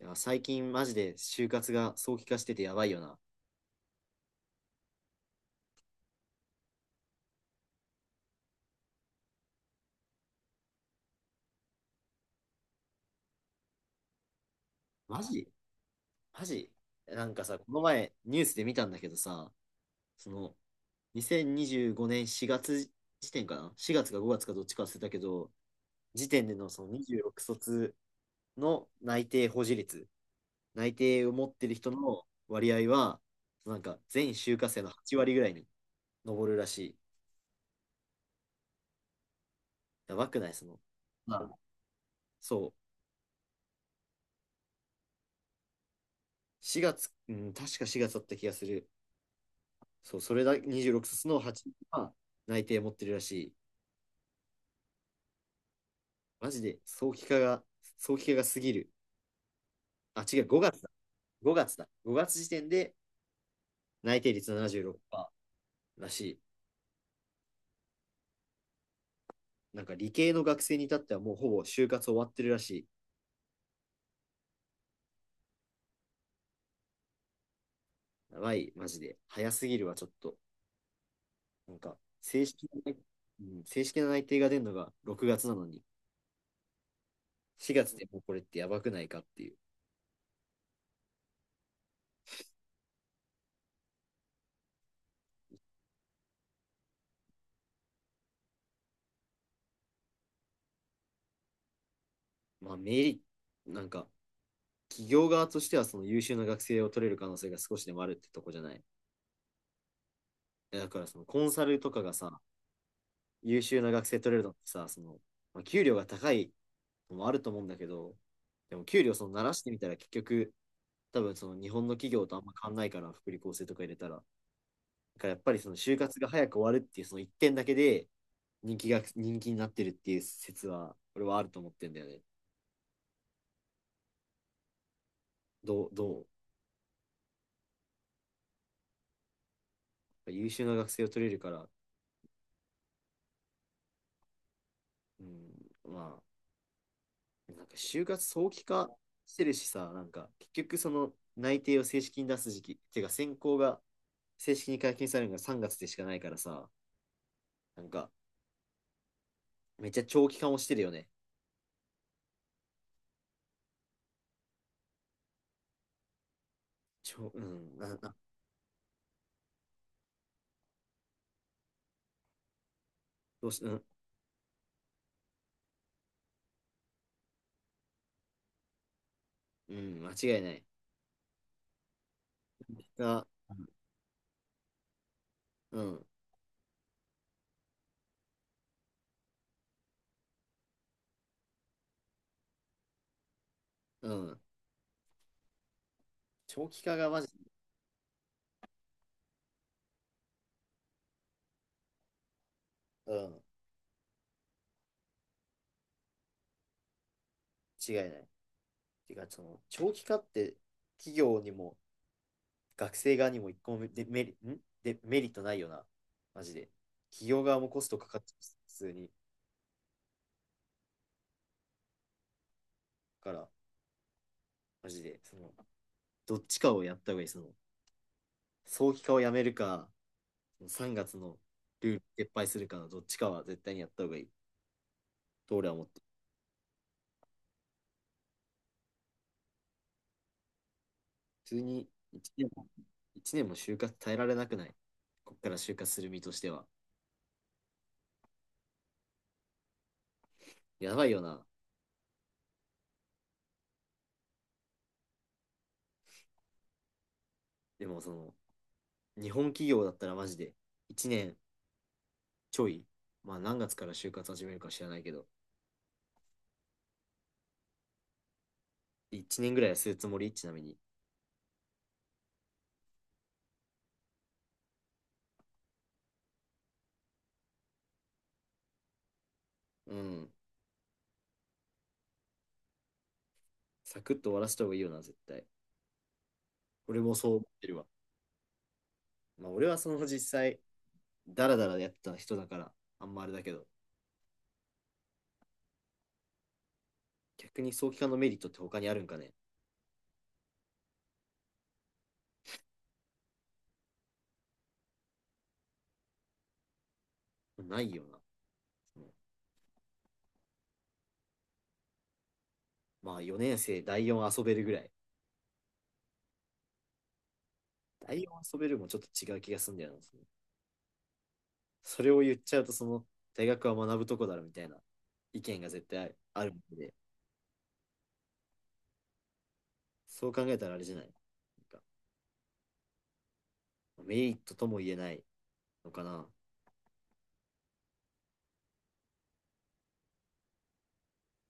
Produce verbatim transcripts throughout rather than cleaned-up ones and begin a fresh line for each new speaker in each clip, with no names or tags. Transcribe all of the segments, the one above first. いや、最近マジで就活が早期化しててやばいよな。マジ。マジ。なんかさ、この前ニュースで見たんだけどさ、そのにせんにじゅうごねんしがつ時点かな？ し 月かごがつかどっちか忘れたけど、時点でのそのにじゅうろく卒の内定保持率、内定を持ってる人の割合は、なんか全就活生のはち割ぐらいに上るらしい。やばくないその。まあ、そう。しがつ、うん、確かしがつだった気がする。そう、それだ、にじゅうろく卒のはちは内定持ってるらしい。マジで、早期化が、早期化が過ぎる。あ、違う、ごがつだ。ごがつだ。ごがつ時点で内定率ななじゅうろくパーセントらしい。なんか理系の学生に至ってはもうほぼ就活終わってるらしい。やばい、マジで。早すぎるわ、ちょっと。なんか、正式な、うん、正式な内定が出るのがろくがつなのに、しがつでもうこれってやばくないかっていう。まあ、メリット、なんか、企業側としてはその優秀な学生を取れる可能性が少しでもあるってとこじゃない。やだからそのコンサルとかがさ、優秀な学生取れるのってさ、その、まあ、給料が高いのもあると思うんだけど、でも給料その慣らしてみたら結局、多分その日本の企業とあんま変わんないから、福利厚生とか入れたら。だからやっぱりその就活が早く終わるっていうその一点だけで人気が、人気になってるっていう説は、俺はあると思ってんだよね。どう、どう優秀な学生を取れるから、うん、まあ、なんか就活早期化してるしさ、なんか結局その内定を正式に出す時期、てか選考が正式に解禁されるのがさんがつでしかないからさ、なんかめっちゃ長期化もしてるよね。ちょ、うん、な、な、どうし、うん、うん、間違いない。が、うん、うん。長期化がマジ、うん、違いない。てか、その長期化って企業にも学生側にも一個もデメリ、んでメリットないよな。マジで。企業側もコストかかっちゃう、普通に。から、マジで、その、どっちかをやった方がいい。その、早期化をやめるか、さんがつのルール撤廃するかのどっちかは絶対にやった方がいい。と俺は思ってる。普通に1年も、一年も就活耐えられなくない。こっから就活する身としては。やばいよな。でもその、日本企業だったらマジでいちねんちょい。まあ何月から就活始めるか知らないけど、いちねんぐらいはするつもりちなみに。うん。サクッと終わらせた方がいいよな、絶対。俺もそう思ってるわ。まあ俺はその実際、ダラダラやってた人だから、あんまあれだけど、逆に早期化のメリットって他にあるんかねないよな。まあよねん生だいよん遊べるぐらい。だいよん遊べるもちょっと違う気がするんだよな。それを言っちゃうと、その大学は学ぶとこだろみたいな意見が絶対あるので、そう考えたらあれじゃない。なんかメリットとも言えないのかな。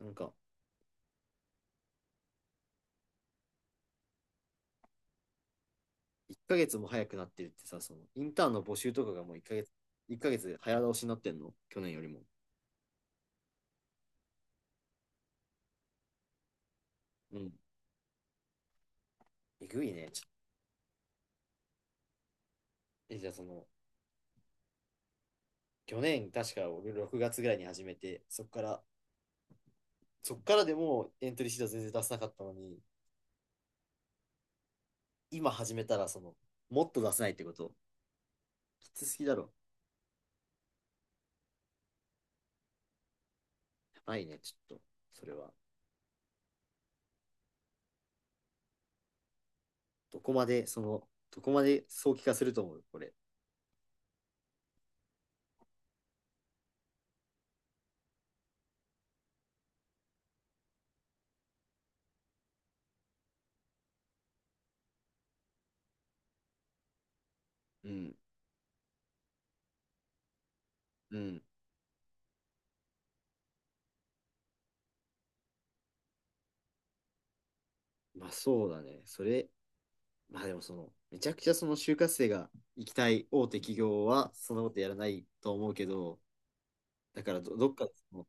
なんかいっかげつも早くなってるってさ、そのインターンの募集とかがもういっかげつ、いっかげつ早倒しになってんの去年よりも。うん。えぐいね。え、じゃあその、去年、確か僕ろくがつぐらいに始めて、そっから、そっからでもエントリーシート全然出せなかったのに、今始めたら、その、もっと出せないってこと、きつすぎだろ。やばいね、ちょっと、それは。どこまで、その、どこまで早期化すると思う、これ。うん、うん。まあそうだね。それ、まあでもその、めちゃくちゃその就活生が行きたい大手企業は、そんなことやらないと思うけど、だからど、どっかでその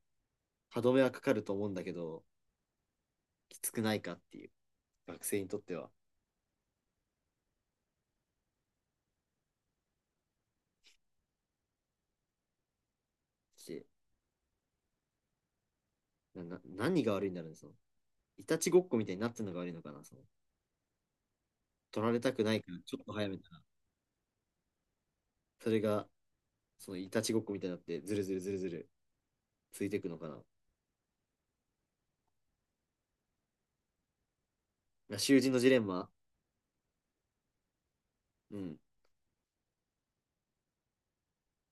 歯止めはかかると思うんだけど、きつくないかっていう、学生にとっては。なな何が悪いんだろうね、その。いたちごっこみたいになってるのが悪いのかな、その。取られたくないから、ちょっと早めたら、それが、そのいたちごっこみたいになって、ずるずるずるずるついていくのかな。まあ囚人のジレンマ。うん。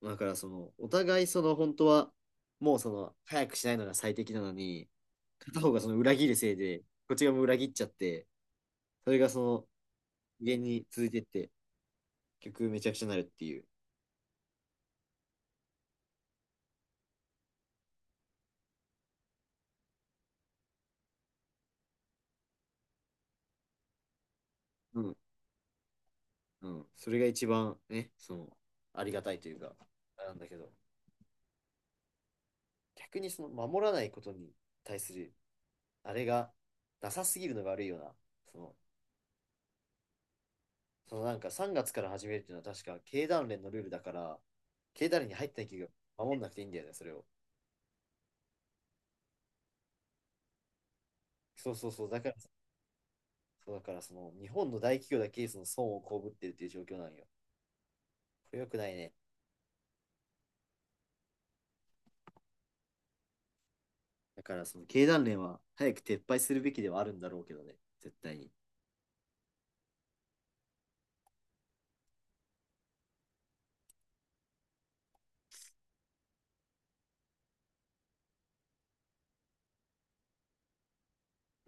だから、その、お互い、その、本当は、もう、その、早くしないのが最適なのに、片方がその裏切るせいで、こっちがもう裏切っちゃって、それがその、無限に続いてって、結局めちゃくちゃになるっていう。うん。うん。それが一番ね、その、ありがたいというか、あれなんだけど。逆にその守らないことに対するあれがなさすぎるのが悪いよな。その、その、なんかさんがつから始めるっていうのは確か経団連のルールだから、経団連に入った企業は守んなくていいんだよね、それを。そうそうそう、だから、そうだからその日本の大企業だけその損を被ってるっていう状況なんよ。これ良くないね。だからその経団連は早く撤廃するべきではあるんだろうけどね、絶対に。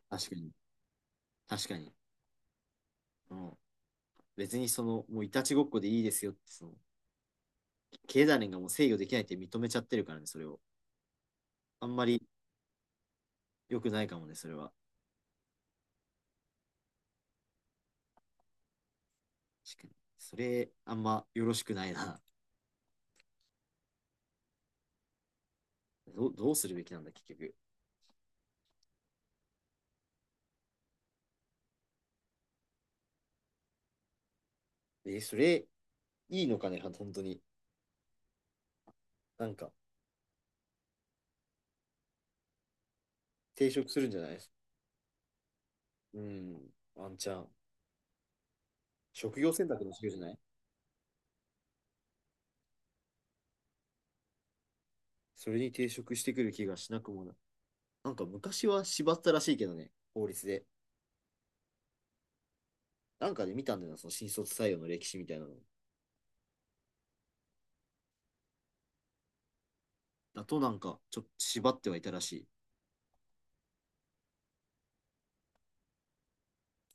確かに。確かに。うん。別にその、もういたちごっこでいいですよって、その、経団連がもう制御できないって認めちゃってるからね、それを。あんまり良くないかもね、それは。確かに。それ、あんまよろしくないな。どうどうするべきなんだ、結局。え、それ、いいのかね、本当に。なんか、抵触するんじゃない？うん、ワンチャン。職業選択の授業じゃない？それに抵触してくる気がしなくもない。なんか、昔は縛ったらしいけどね、法律で。なんかで見たんだよな、その新卒採用の歴史みたいなの。だとなんか、ちょっと縛ってはいたらしい。